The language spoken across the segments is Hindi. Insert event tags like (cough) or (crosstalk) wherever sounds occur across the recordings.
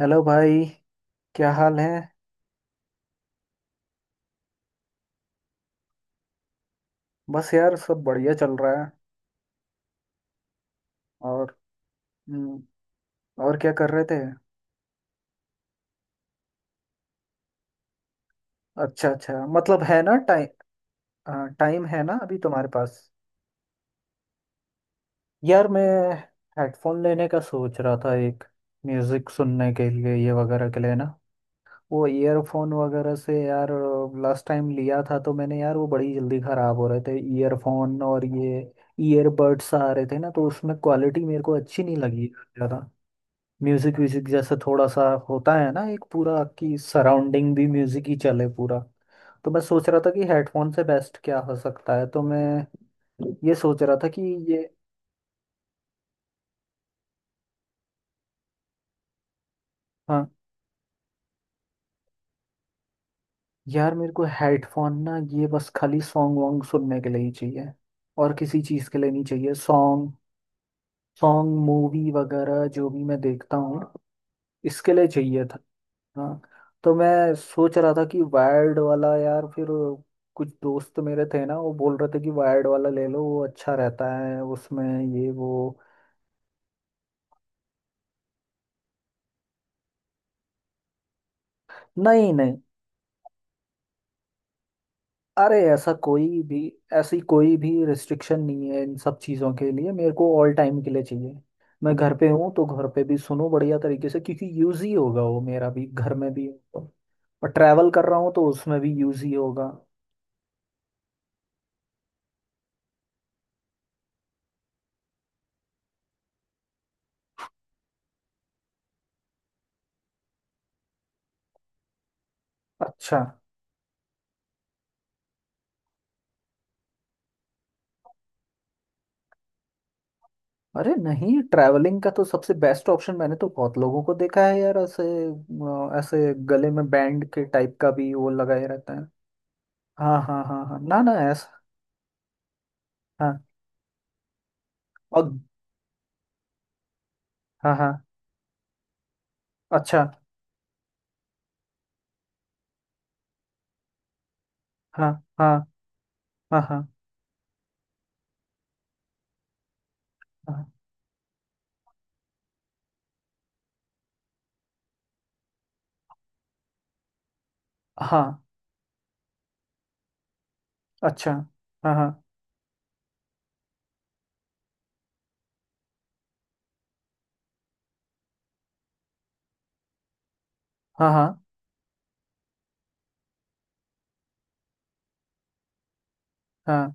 हेलो भाई। क्या हाल है। बस यार, सब बढ़िया चल रहा है। और। हम्म, और क्या कर रहे थे। अच्छा अच्छा, मतलब है ना टाइम। टाइम है ना अभी तुम्हारे पास। यार मैं हेडफोन लेने का सोच रहा था एक, म्यूजिक सुनने के लिए, ये वगैरह के लिए ना। वो ईयरफोन वगैरह से यार, लास्ट टाइम लिया था तो मैंने यार, वो बड़ी जल्दी खराब हो रहे थे ईयरफोन, और ये ईयरबड्स आ रहे थे ना, तो उसमें क्वालिटी मेरे को अच्छी नहीं लगी ज़्यादा। म्यूजिक व्यूजिक जैसा थोड़ा सा होता है ना एक पूरा, कि सराउंडिंग भी म्यूजिक ही चले पूरा। तो मैं सोच रहा था कि हेडफोन से बेस्ट क्या हो सकता है, तो मैं ये सोच रहा था कि ये। हाँ। यार मेरे को हेडफोन ना, ये बस खाली सॉन्ग वॉन्ग सुनने के लिए ही चाहिए, और किसी चीज़ के लिए नहीं चाहिए। सॉन्ग, सॉन्ग मूवी वगैरह जो भी मैं देखता हूँ इसके लिए चाहिए था। हाँ। तो मैं सोच रहा था कि वायर्ड वाला यार, फिर कुछ दोस्त मेरे थे ना, वो बोल रहे थे कि वायर्ड वाला ले लो वो अच्छा रहता है, उसमें ये वो। नहीं नहीं, अरे ऐसा कोई भी, ऐसी कोई भी रिस्ट्रिक्शन नहीं है इन सब चीज़ों के लिए, मेरे को ऑल टाइम के लिए चाहिए। मैं घर पे हूँ तो घर पे भी सुनो बढ़िया तरीके से, क्योंकि यूज ही होगा वो मेरा भी, घर में भी होगा। और ट्रैवल कर रहा हूँ तो उसमें भी यूज ही होगा। अच्छा। अरे नहीं, ट्रैवलिंग का तो सबसे बेस्ट ऑप्शन, मैंने तो बहुत लोगों को देखा है यार, ऐसे ऐसे गले में बैंड के टाइप का भी वो लगाए रहता है। हाँ हाँ हाँ हाँ, ना ना ऐसा। हाँ। और। हाँ हाँ। अच्छा। हाँ हाँ हाँ हाँ। हाँ। अच्छा, हाँ। अच्छा। हाँ हाँ। हाँ। हाँ हाँ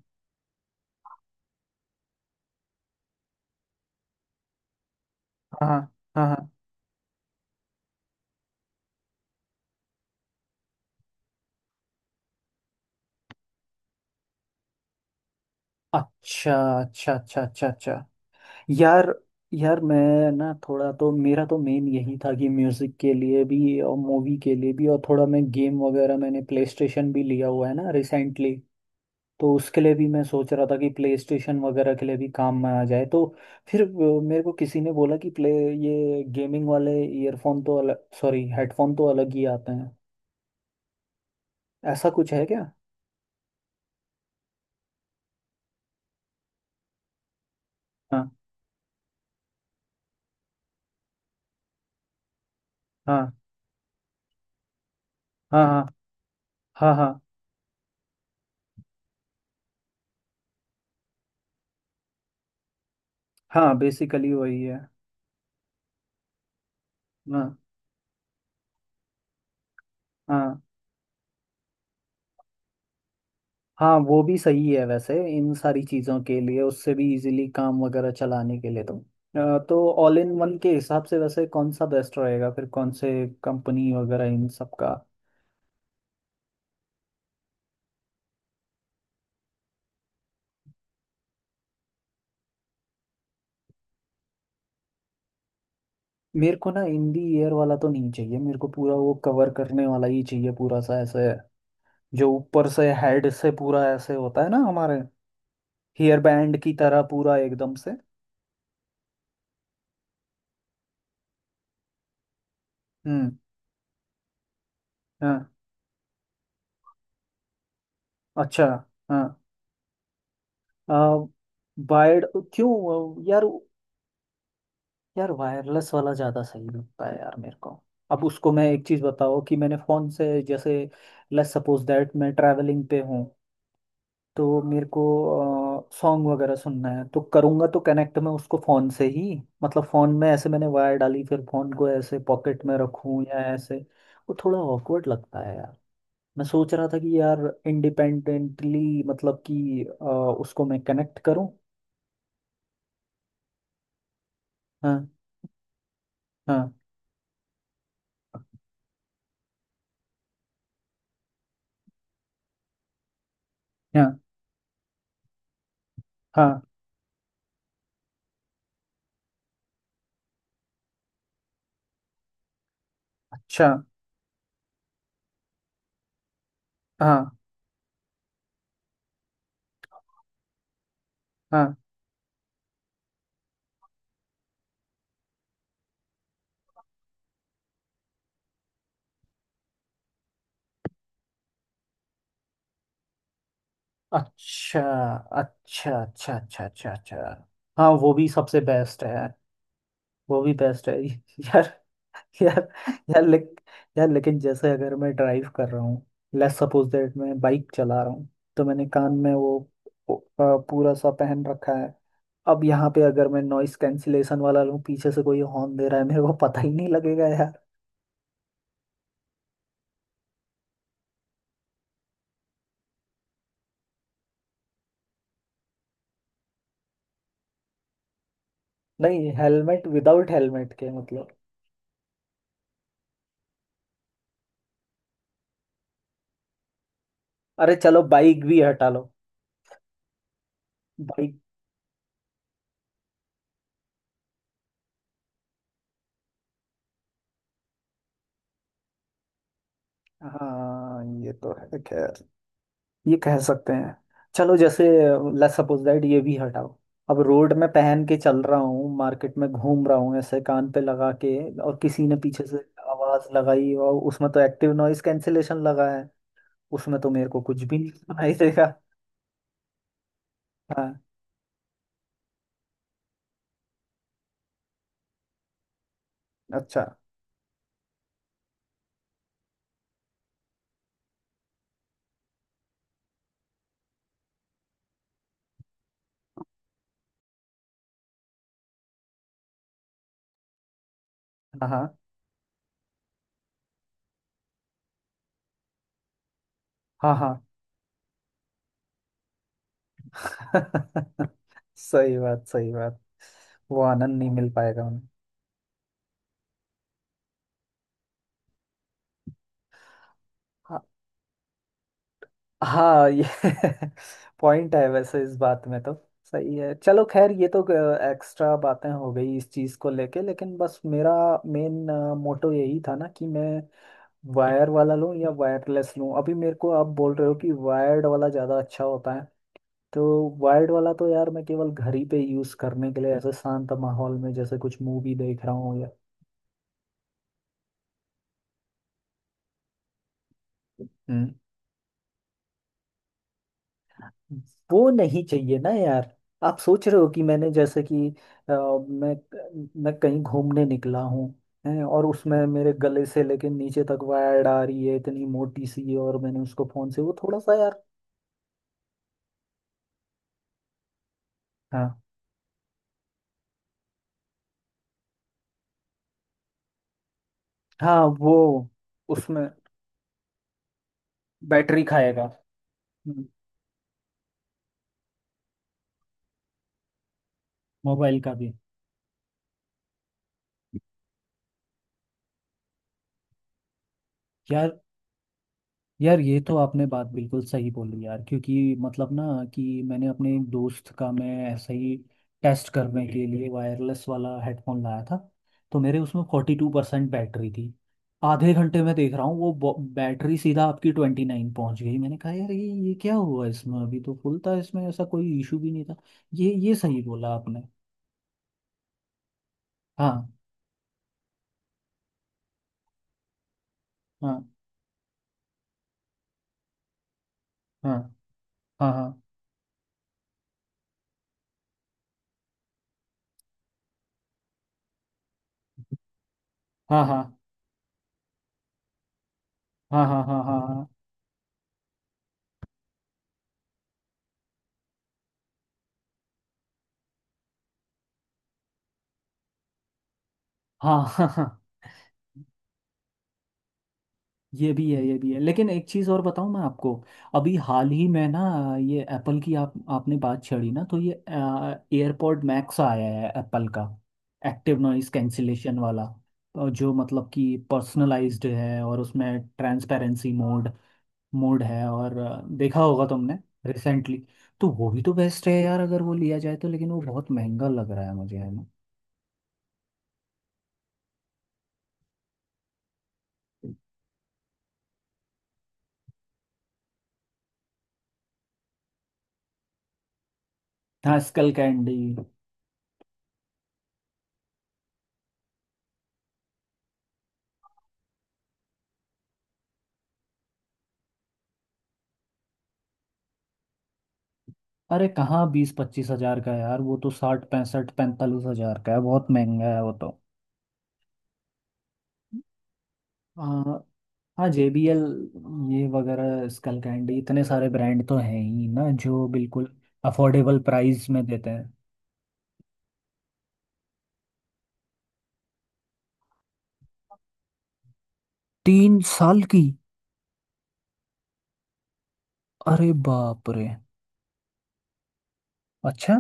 हाँ हाँ। हाँ हाँ, अच्छा। अच्छा अच्छा अच्छा अच्छा। यार, यार मैं ना, थोड़ा तो मेरा तो मेन यही था कि म्यूजिक के लिए भी और मूवी के लिए भी, और थोड़ा मैं गेम वगैरह, मैंने प्ले स्टेशन भी लिया हुआ है ना रिसेंटली, तो उसके लिए भी मैं सोच रहा था कि प्ले स्टेशन वगैरह के लिए भी काम में आ जाए तो। फिर मेरे को किसी ने बोला कि प्ले, ये गेमिंग वाले ईयरफोन तो अलग, सॉरी हेडफोन तो अलग ही आते हैं, ऐसा कुछ है क्या। हाँ हाँ। हाँ हाँ। हाँ हाँ। हाँ बेसिकली वही है। हाँ। हाँ हाँ वो भी सही है वैसे, इन सारी चीज़ों के लिए उससे भी इजीली काम वगैरह चलाने के लिए तो। तो ऑल इन वन के हिसाब से वैसे कौन सा बेस्ट रहेगा फिर, कौन से कंपनी वगैरह इन सब का। मेरे को ना इन दी ईयर वाला तो नहीं चाहिए, मेरे को पूरा वो कवर करने वाला ही चाहिए, पूरा सा ऐसे जो ऊपर से हेड से पूरा ऐसे होता है ना, हमारे हेयर बैंड की तरह पूरा एकदम से। हम्म। हाँ। अच्छा। हाँ। आ, वायर्ड, क्यों। यार, यार वायरलेस वाला ज़्यादा सही लगता है यार मेरे को। अब उसको मैं एक चीज़ बताओ कि मैंने फ़ोन से जैसे, लेट्स सपोज दैट मैं ट्रैवलिंग पे हूँ, तो मेरे को सॉन्ग वगैरह सुनना है, तो करूँगा तो कनेक्ट मैं उसको फ़ोन से ही, मतलब फ़ोन में ऐसे मैंने वायर डाली, फिर फ़ोन को ऐसे पॉकेट में रखूँ या ऐसे, वो थोड़ा ऑकवर्ड लगता है यार। मैं सोच रहा था कि यार, इंडिपेंडेंटली मतलब कि उसको मैं कनेक्ट करूँ। हाँ हाँ हाँ हाँ। अच्छा। हाँ हाँ। अच्छा अच्छा अच्छा अच्छा अच्छा अच्छा। हाँ वो भी सबसे बेस्ट है। वो भी बेस्ट है (laughs) यार। यार। यार लेक, यार लेकिन जैसे अगर मैं ड्राइव कर रहा हूँ, लेट्स सपोज दैट मैं बाइक चला रहा हूँ, तो मैंने कान में वो पूरा सा पहन रखा है, अब यहाँ पे अगर मैं नॉइस कैंसिलेशन वाला लूँ, पीछे से कोई हॉर्न दे रहा है, मेरे को पता ही नहीं लगेगा यार। नहीं हेलमेट, विदाउट हेलमेट के मतलब। अरे चलो बाइक भी हटा लो। बाइक। हाँ ये तो है खैर, ये कह सकते हैं। चलो जैसे, लेट्स सपोज दैट ये भी हटाओ, अब रोड में पहन के चल रहा हूँ, मार्केट में घूम रहा हूँ ऐसे कान पे लगा के, और किसी ने पीछे से आवाज लगाई, और उसमें तो एक्टिव नॉइस कैंसिलेशन लगा है, उसमें तो मेरे को कुछ भी नहीं सुनाई देगा। हाँ। अच्छा। हाँ हाँ हाँ हाँ। (laughs) सही बात, सही बात। वो आनंद नहीं मिल पाएगा उन्हें। हाँ ये (laughs) पॉइंट है वैसे इस बात में तो। सही है चलो, खैर ये तो एक्स्ट्रा बातें हो गई इस चीज़ को लेके, लेकिन बस मेरा मेन मोटो यही था ना कि मैं वायर वाला लूँ या वायरलेस लूँ, अभी मेरे को आप बोल रहे हो कि वायर्ड वाला ज़्यादा अच्छा होता है तो। वायर्ड वाला तो यार मैं केवल घर ही पे यूज़ करने के लिए, ऐसे शांत माहौल में जैसे कुछ मूवी देख रहा हूँ या। हम्म। वो नहीं चाहिए ना यार। आप सोच रहे हो कि मैंने जैसे कि अ, मैं मैं कहीं घूमने निकला हूँ, हैं, और उसमें मेरे गले से लेके नीचे तक वायर आ रही है इतनी मोटी सी, और मैंने उसको फोन से वो थोड़ा सा यार। हाँ हाँ, वो उसमें बैटरी खाएगा। हम्म, मोबाइल का भी। यार, यार ये तो आपने बात बिल्कुल सही बोली यार, क्योंकि मतलब ना कि मैंने अपने एक दोस्त का, मैं ऐसे ही टेस्ट करने के लिए वायरलेस वाला हेडफोन लाया था, तो मेरे उसमें 42% बैटरी थी, आधे घंटे में देख रहा हूँ वो बैटरी सीधा आपकी 29 पहुँच गई, मैंने कहा यार ये क्या हुआ, इसमें अभी तो फुल था, इसमें ऐसा कोई इशू भी नहीं था। ये सही बोला आपने। हाँ हाँ हाँ हाँ हाँ हाँ हाँ हाँ हाँ हाँ हाँ हाँ हाँ हाँ हाँ हाँ। ये भी है, ये भी है, लेकिन एक चीज़ और बताऊं मैं आपको, अभी हाल ही में ना, ये एप्पल की आप आपने बात छेड़ी ना, तो ये एयरपॉड मैक्स आया है एप्पल का, एक्टिव नॉइस कैंसिलेशन वाला, जो मतलब कि पर्सनलाइज्ड है, और उसमें ट्रांसपेरेंसी मोड, मोड है, और देखा होगा तुमने रिसेंटली, तो वो भी तो बेस्ट है यार अगर वो लिया जाए तो, लेकिन वो बहुत महंगा लग रहा है मुझे है ना। हाँ स्कल कैंडी। अरे कहाँ 20-25 हजार का है यार, वो तो 60, 65, 45 हजार का है, बहुत महंगा है वो तो। आ, हाँ JBL ये वगैरह, स्कल कैंडी, इतने सारे ब्रांड तो हैं ही ना, जो बिल्कुल अफोर्डेबल प्राइस में देते हैं। 3 साल की। अरे बाप रे। अच्छा।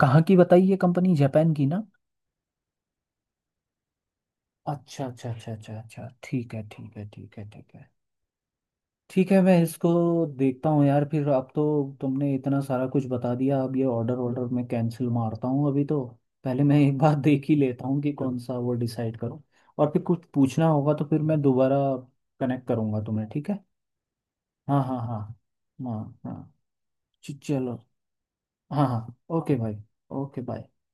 कहाँ की, बताइए कंपनी जापान की ना। अच्छा अच्छा अच्छा अच्छा अच्छा, ठीक है ठीक है ठीक है ठीक है। ठीक है मैं इसको देखता हूँ यार फिर, अब तो तुमने इतना सारा कुछ बता दिया, अब ये ऑर्डर ऑर्डर मैं कैंसिल मारता हूँ अभी तो, पहले मैं एक बार (laughs) देख ही लेता हूँ कि कौन सा वो डिसाइड करूँ, और फिर कुछ पूछना होगा तो फिर मैं दोबारा कनेक्ट करूँगा तुम्हें, ठीक है। हाँ हाँ हाँ हाँ हाँ। चलो। हाँ हाँ ओके भाई। Okay bye.